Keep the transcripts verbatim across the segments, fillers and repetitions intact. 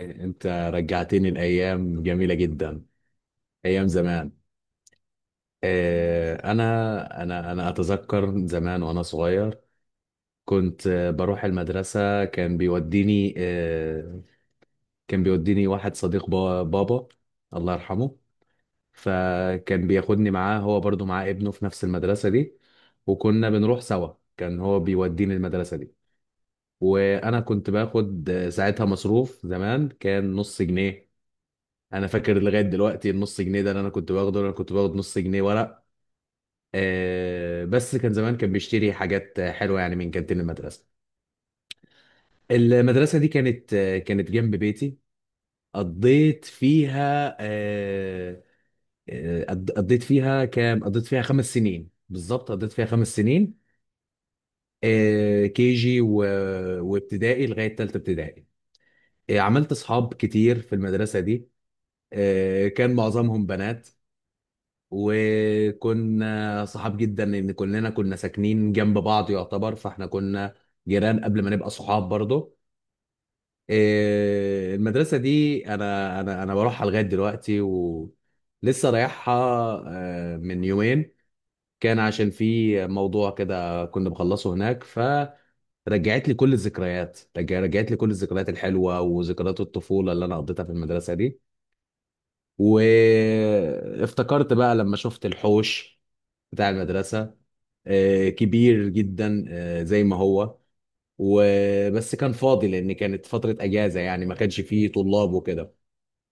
انت رجعتني لايام جميله جدا. ايام زمان. آه، انا انا انا اتذكر زمان وانا صغير. كنت آه، بروح المدرسه. كان بيوديني آه، كان بيوديني واحد صديق با- بابا، الله يرحمه. فكان بياخدني معاه، هو برضو معاه ابنه في نفس المدرسه دي. وكنا بنروح سوا، كان هو بيوديني المدرسه دي. وانا كنت باخد آه، ساعتها مصروف. زمان كان نص جنيه. انا فاكر لغايه دلوقتي النص جنيه ده اللي انا كنت باخده، انا كنت باخد نص جنيه ورق. آه بس كان زمان كان بيشتري حاجات حلوه يعني من كانتين المدرسه. المدرسه دي كانت آه، كانت جنب بيتي. قضيت فيها آه آه، قض- قضيت فيها كام، قضيت فيها خمس سنين بالظبط. قضيت فيها خمس سنين. آه كي جي و... وابتدائي لغايه ثالثه ابتدائي. آه، عملت اصحاب كتير في المدرسه دي. آه، كان معظمهم بنات. وكنا صحاب جدا لان كلنا كنا ساكنين جنب بعض يعتبر. فاحنا كنا جيران قبل ما نبقى صحاب برضه. إيه، المدرسه دي انا انا انا بروحها لغايه دلوقتي ولسه رايحها. آه، من يومين كان عشان في موضوع كده كنا بخلصه هناك. فرجعت لي كل الذكريات، رج- رجعت لي كل الذكريات الحلوه وذكريات الطفوله اللي انا قضيتها في المدرسه دي. وافتكرت بقى لما شفت الحوش بتاع المدرسة. آه، كبير جدا، آه، زي ما هو. وبس كان فاضي لأن كانت فترة أجازة يعني، ما كانش فيه طلاب وكده.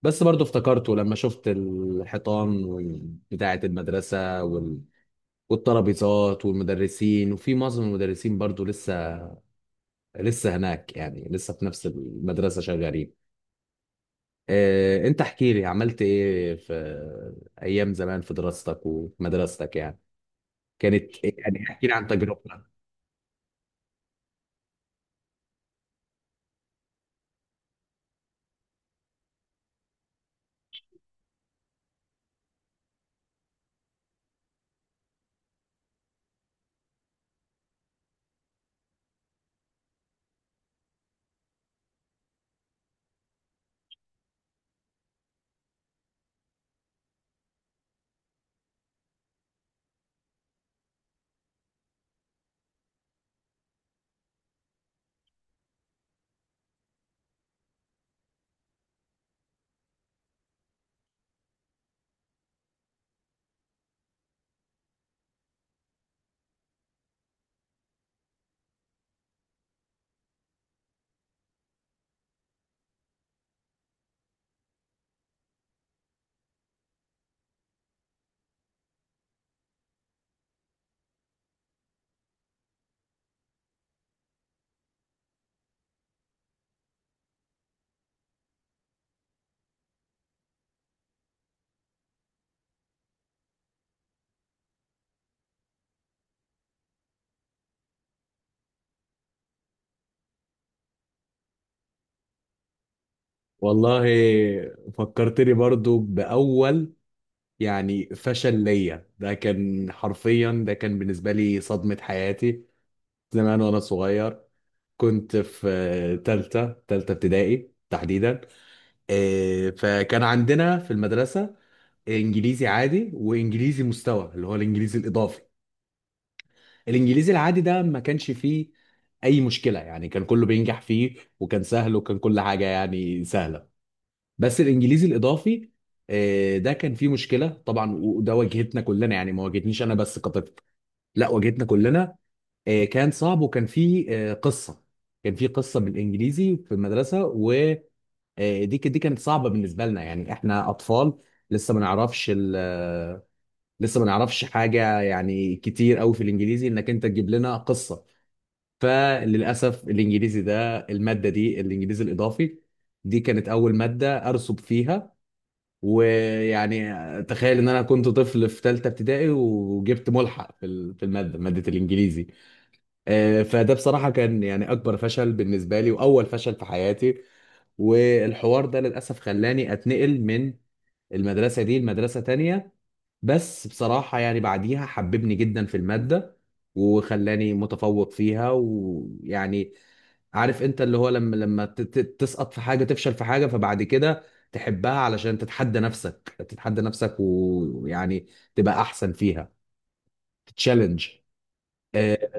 بس برضو افتكرته لما شفت الحيطان وال- بتاعة المدرسة وال... والترابيزات والمدرسين. وفي معظم المدرسين برضو لسه لسه هناك يعني، لسه في نفس المدرسة شغالين. آه، انت احكي لي عملت ايه في ايام زمان، في دراستك ومدرستك يعني. كانت إيه؟ يعني احكي لي عن تجربتك. والله، فكرتني برضو بأول يعني فشل ليا. ده كان حرفيا، ده كان بالنسبة لي صدمة حياتي. زمان وأنا صغير كنت في آه، تالتة تالتة ابتدائي تحديدا. آه، فكان عندنا في المدرسة إنجليزي عادي وإنجليزي مستوى اللي هو الإنجليزي الإضافي. الإنجليزي العادي ده ما كانش فيه أي مشكلة يعني، كان كله بينجح فيه، وكان سهل وكان كل حاجة يعني سهلة. بس الانجليزي الاضافي آه، ده كان فيه مشكله طبعا. وده واجهتنا كلنا يعني، ما واجهتنيش انا بس كطفل، لا واجهتنا كلنا. آه، كان صعب وكان فيه آه، قصه. كان فيه قصه بالانجليزي في المدرسه، ودي دي كانت صعبه بالنسبه لنا، يعني احنا اطفال لسه ما نعرفش ال- آه، لسه ما نعرفش حاجه يعني كتير قوي في الانجليزي انك انت تجيب لنا قصه. فللاسف الانجليزي ده، الماده دي الانجليزي الاضافي، دي كانت اول ماده ارسب فيها. ويعني تخيل ان انا كنت طفل في ثالثه ابتدائي وجبت ملحق في ال- في الماده ماده الانجليزي. آه، فده بصراحه كان يعني اكبر فشل بالنسبه لي واول فشل في حياتي. والحوار ده للاسف خلاني اتنقل من المدرسه دي لمدرسه تانية. بس بصراحه يعني بعديها حببني جدا في الماده، وخلاني متفوق فيها. ويعني عارف انت اللي هو لما لما ت- ت- تسقط في حاجه، تفشل في حاجه، فبعد كده تحبها علشان تتحدى نفسك، تتحدى نفسك ويعني تبقى احسن فيها، تتشالنج.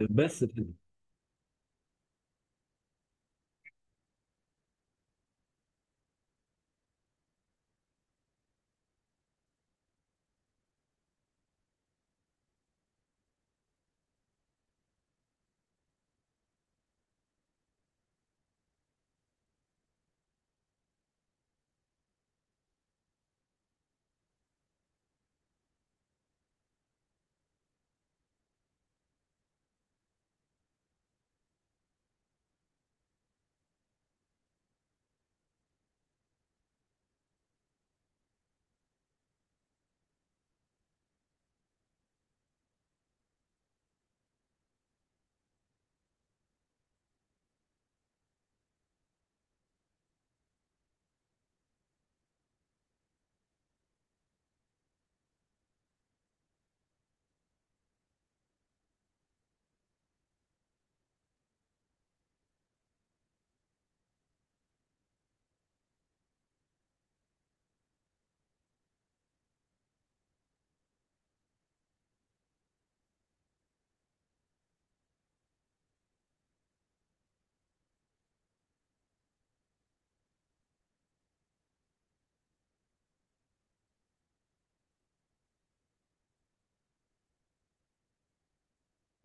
بس كده.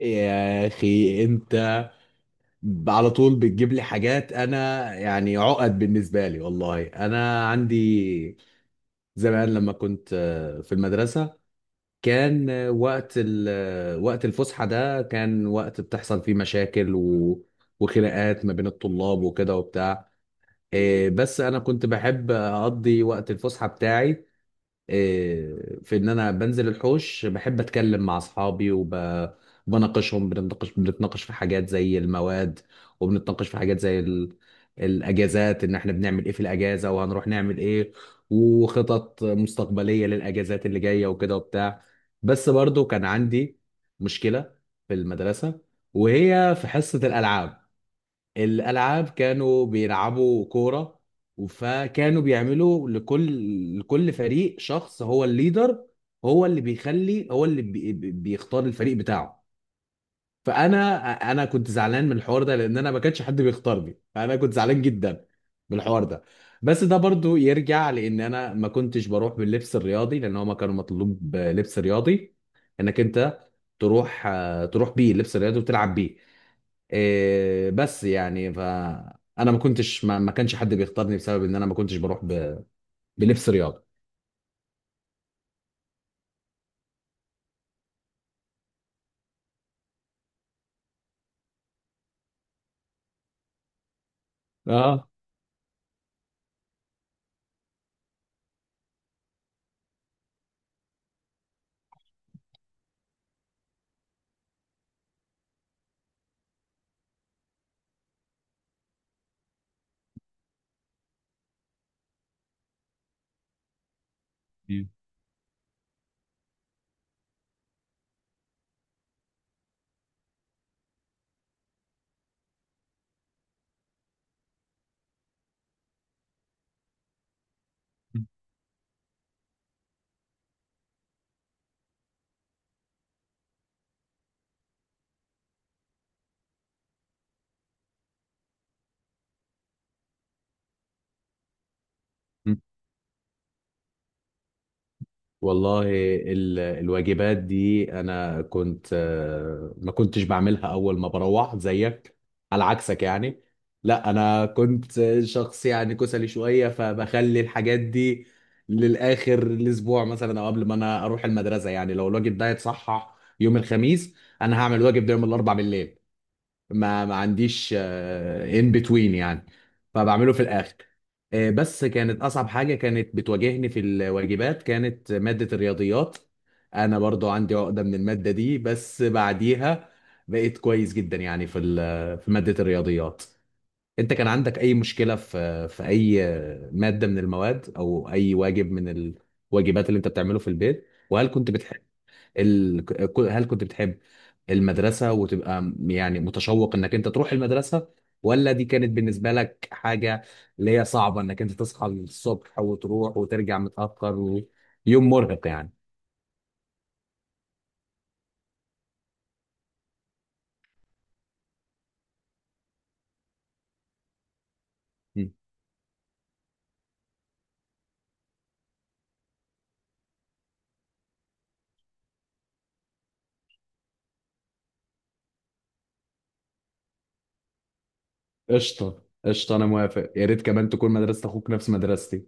يا اخي انت على طول بتجيب لي حاجات انا يعني عقد بالنسبه لي. والله انا عندي زمان لما كنت آه، في المدرسه، كان آه، وقت ال- آه، وقت الفسحه ده كان وقت بتحصل فيه مشاكل و... وخناقات ما بين الطلاب وكده وبتاع. آه، بس انا كنت بحب اقضي وقت الفسحه بتاعي آه، في ان انا بنزل الحوش. بحب اتكلم مع اصحابي وبناقشهم، بنتناقش بنتناقش في حاجات زي المواد، وبنتناقش في حاجات زي ال- الاجازات، ان احنا بنعمل ايه في الاجازه وهنروح نعمل ايه، وخطط مستقبليه للاجازات اللي جايه وكده وبتاع. بس برضو كان عندي مشكله في المدرسه، وهي في حصه الالعاب. الالعاب كانوا بيلعبوا كوره. فكانوا بيعملوا لكل لكل فريق شخص هو الليدر. هو اللي بيخلي، هو اللي بي بي- بيختار الفريق بتاعه. فانا انا كنت زعلان من الحوار ده لان انا ما كانش حد بيختارني، فانا كنت زعلان جدا من الحوار ده. بس ده برضو يرجع لان انا ما كنتش بروح باللبس الرياضي، لان هما كانوا مطلوب لبس رياضي انك انت تروح، تروح بيه اللبس الرياضي وتلعب بيه. إيه بس يعني فانا ما كنتش ما, ما كانش حد بيختارني بسبب ان انا ما كنتش بروح ب... بلبس رياضه. اه. مم. والله، ال... الواجبات دي انا كنت آه، ما كنتش بعملها اول ما بروح زيك، على عكسك يعني. لا انا كنت شخص يعني كسلي شويه، فبخلي الحاجات دي للاخر الاسبوع مثلا او قبل ما انا اروح المدرسه يعني. لو الواجب ده يتصحح يوم الخميس انا هعمل الواجب ده يوم الاربع بالليل. ما ما عنديش ان بتوين يعني، فبعمله في الاخر. آه، بس كانت اصعب حاجه كانت بتواجهني في الواجبات كانت ماده الرياضيات. انا برضو عندي عقده من الماده دي، بس بعديها بقيت كويس جدا يعني في ال- في ماده الرياضيات. انت كان عندك اي مشكله في في اي ماده من المواد او اي واجب من الواجبات اللي انت بتعمله في البيت، وهل كنت بتحب ال... ك- هل كنت بتحب المدرسة وتبقى م- يعني متشوق انك انت تروح المدرسة، ولا دي كانت بالنسبة لك حاجة اللي هي صعبة انك انت تصحى الصبح وتروح وترجع متأخر ويوم مرهق يعني. مم. قشطة قشطة، أنا موافق. يا ريت كمان تكون مدرسة أخوك نفس مدرستي.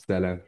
سلام.